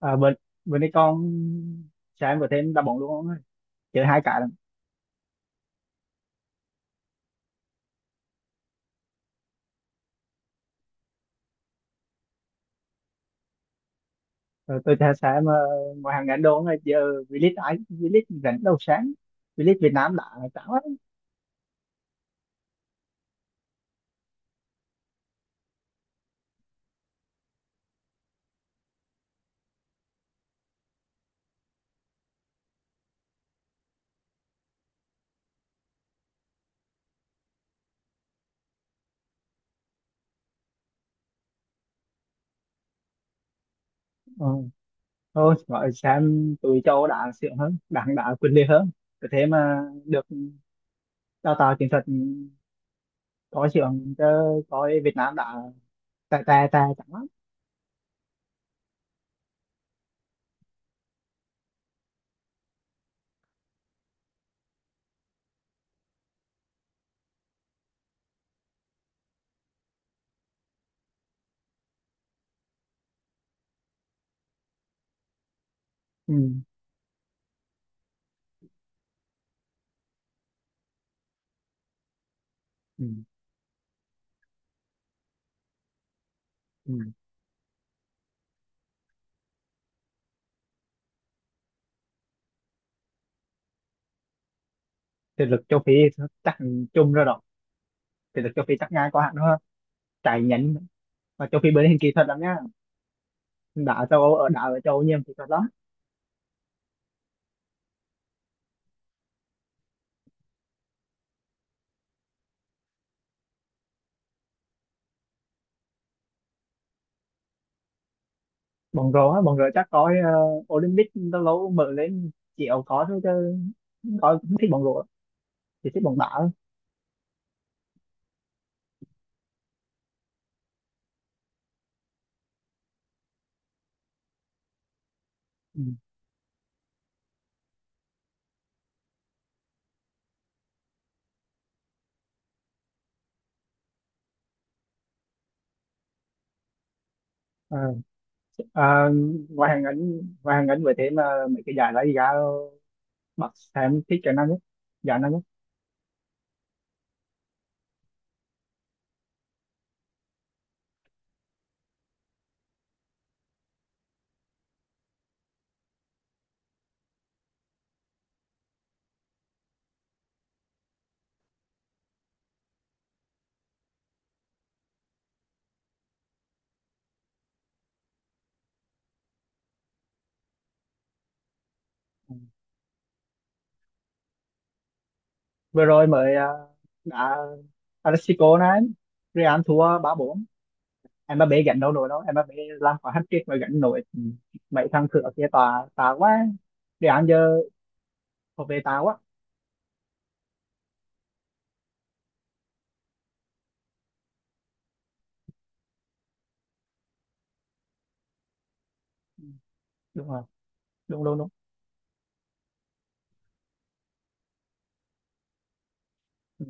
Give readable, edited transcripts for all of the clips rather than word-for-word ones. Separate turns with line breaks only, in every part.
À, bên bên đây con sáng vừa thêm đá bóng luôn ông ơi, chơi hai cả lận. Rồi tôi thấy sáng, ngoài hàng ngàn đô ông giờ. V-League ai V-League rảnh đâu sáng, V-League Việt Nam đã chán lắm. Ừ, thôi gọi sáng tụi châu đã xịn hơn, đảng đã quyền liệt hơn, có thế mà được đào tạo chiến thuật có xịn chứ. Coi Việt Nam đã tè tè tè chẳng lắm. Ừ. Ừ. Ừ. Thực lực châu Phi chắc chung rồi đó, thực lực châu Phi chắc ngang qua hẳn hơn, chạy nhánh. Và châu Phi bên hình kỹ thuật lắm nhá, đã châu Âu ở đã ở châu Âu nhiều thì có đó. Bóng rổ á, bóng rổ chắc có, Olympic lâu lâu mở lên chỉ có thôi chứ. Coi không thích bóng rổ, chỉ thích bóng đá thôi. Ừ. à, à, ngoài hàng ngắn, ngoài hàng ngắn với thế mà mấy cái giải đó thì ra, Bắc em thích cái nào nhất, giải nào nhất? Ừ. Vừa rồi mới đã Atletico này, Real thua ba bốn, Mbappé gánh đâu nổi đâu, Mbappé làm quả hat-trick mà gánh nổi. Ừ. Mấy thằng cửa kia tà tà quá, Real giờ có về tà quá. Ừ. Đúng không? Đúng đúng đúng. Ừ.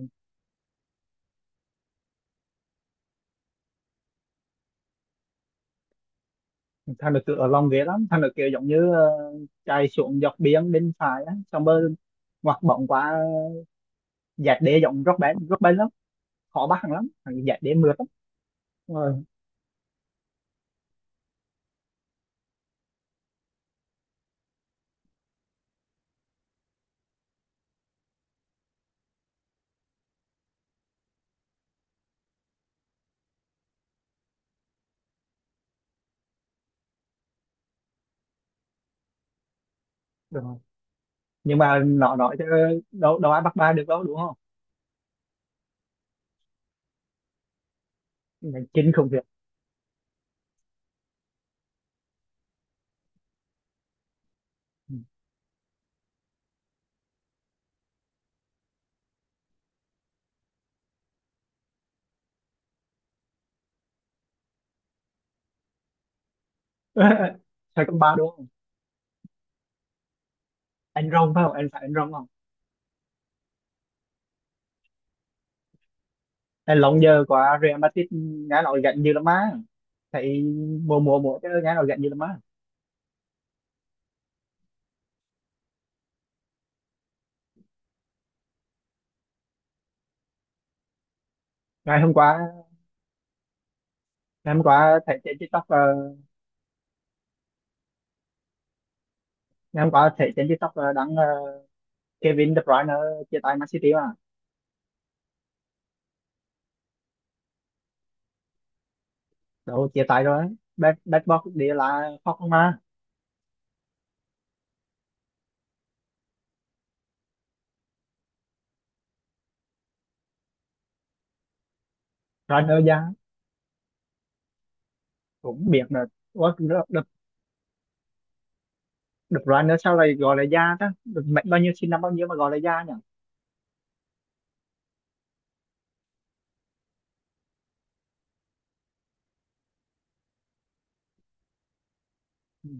Thằng được ở lòng ghế lắm, thằng được kiểu giống như chạy xuống dọc biển bên phải á, xong rồi ngoặt bóng qua, dạt đế giống rất bén, rất bén lắm, khó bắt thằng lắm, thằng dạt đế mượt lắm. Đúng rồi. Đúng rồi. Nhưng mà nó nói chứ đâu đâu ai bắt ba được đâu, đúng không? Mình chính không việc. Ừ. Sao có ba đúng không? Anh Rong phải không, anh phải anh Rong không? Anh long giờ qua Real Madrid nghe nói gạnh như là má, thấy mùa mùa mùa chứ nghe nói gạnh như là má. Ngày hôm qua, ngày hôm qua thấy trên TikTok ngày hôm qua thấy trên TikTok là đăng, Kevin De Bruyne chia tay Man City mà. Đâu, chia tay rồi, bad bad boy đi là khóc không mà. Bruyne già cũng biết được. Ủa, De Bruyne sao lại gọi là già ta, được mệnh bao nhiêu, sinh năm bao nhiêu mà gọi là già nhỉ? Ừ.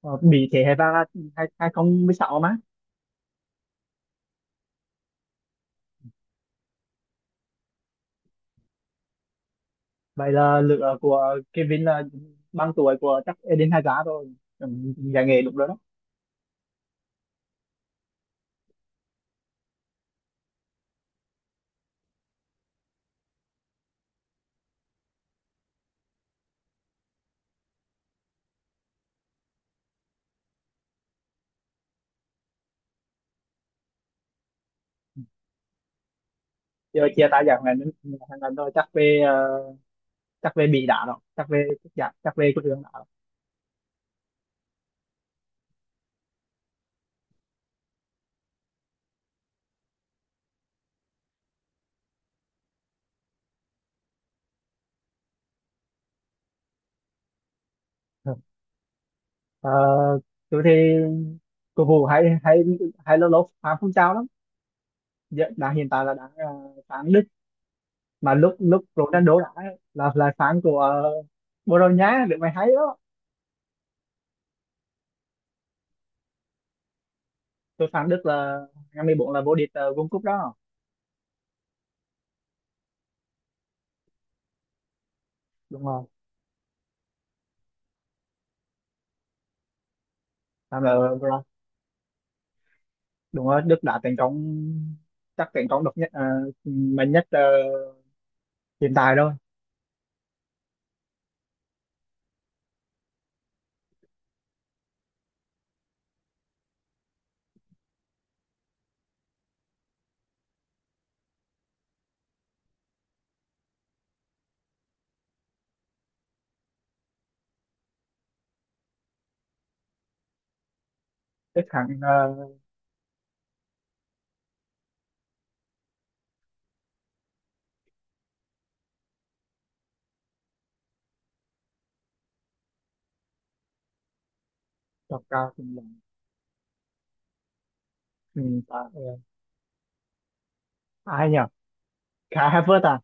Ờ, bị thế hệ vàng là hai hai không mười sáu mà. Vậy là lựa của Kevin là bằng tuổi của chắc Eden Hazard rồi. Ừ, giải nghệ đúng rồi đó. Giờ chia tay giải này đến, rồi chắc về chắc về bị đá rồi, chắc về, chắc chắc về cái đường đá rồi. Ờ, tôi thì cầu thủ hay hay, hay lâu lâu phán phong trào lắm. Dạ, đã hiện tại là đang phán Đức, mà lúc lúc Ronaldo đã là phán của Bồ Đào Nha, được mày hay đó. Tôi phán Đức là ngày 14 là vô địch World Cup đó. Đúng rồi, làm là đúng rồi, Đức đã thành công, chắc thành công độc nhất mạnh nhất hiện tại thôi. Đức thắng, uh, độc cao cũng là ừ, à, ờ, ai nhỉ, cái Havertz à?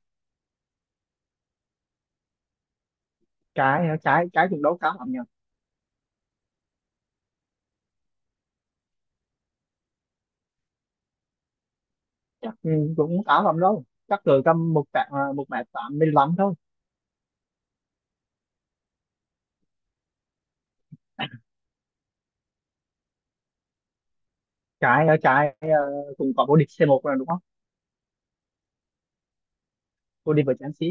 Cái cũng đấu khá lắm nhỉ. Chắc ừ, cũng khá lắm đâu, chắc cỡ tầm một tạ à, một mét tám mươi lăm thôi. Trái ở trái cũng có vô địch c một rồi đúng không, vô địch với Chelsea.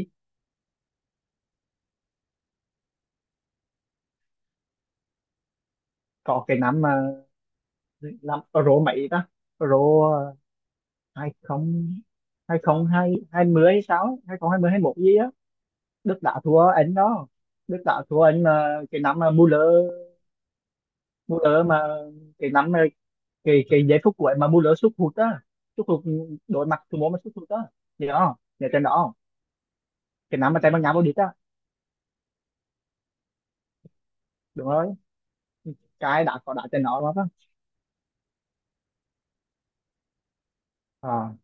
Có cái năm mà, năm Euro mấy ta, Euro à, hai không, hai không hai hai mươi hay sao ấy, hai không hai mươi hai một gì á. Đức đã thua anh đó, Đức đã thua anh mà cái năm mà Müller, Müller mà cái năm mà cái giây phút cuối mà Müller sút hụt á, sút hụt ừ, đối mặt thủ môn mà sút hụt á, gì đó nhớ trên đó không? Cái năm mà Tây Ban Nha vô địch á. Đúng rồi, cái đã có đá trên nó lắm á. à,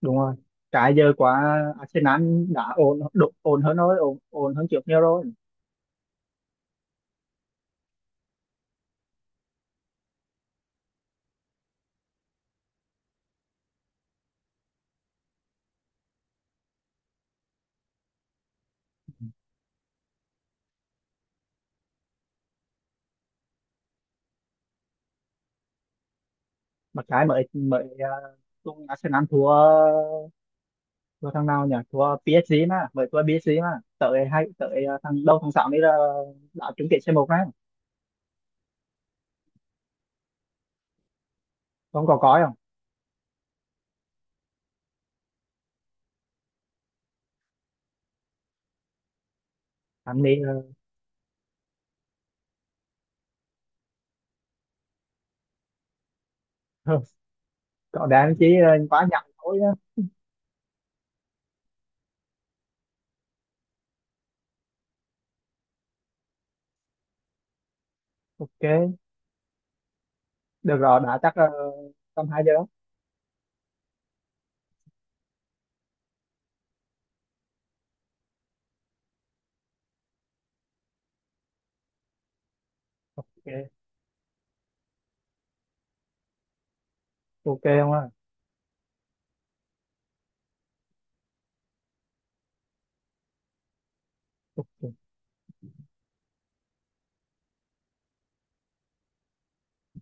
Đúng rồi, cái giờ quá, Arsenal đã ổn hơn rồi, ổn hơn trước nhiều rồi. Mà cái mới mới tung Arsenal thua, thua thằng nào nhỉ, thua PSG mà mới thua PSG mà tới thằng đâu thằng sáu đấy là, đã trúng kết c một đấy. Không có coi không? Thằng này ờ, có đáng chỉ ờ, quá nhặng thôi á. Ok, được rồi đã, chắc là tầm hai giờ. Ok. Ok không ạ.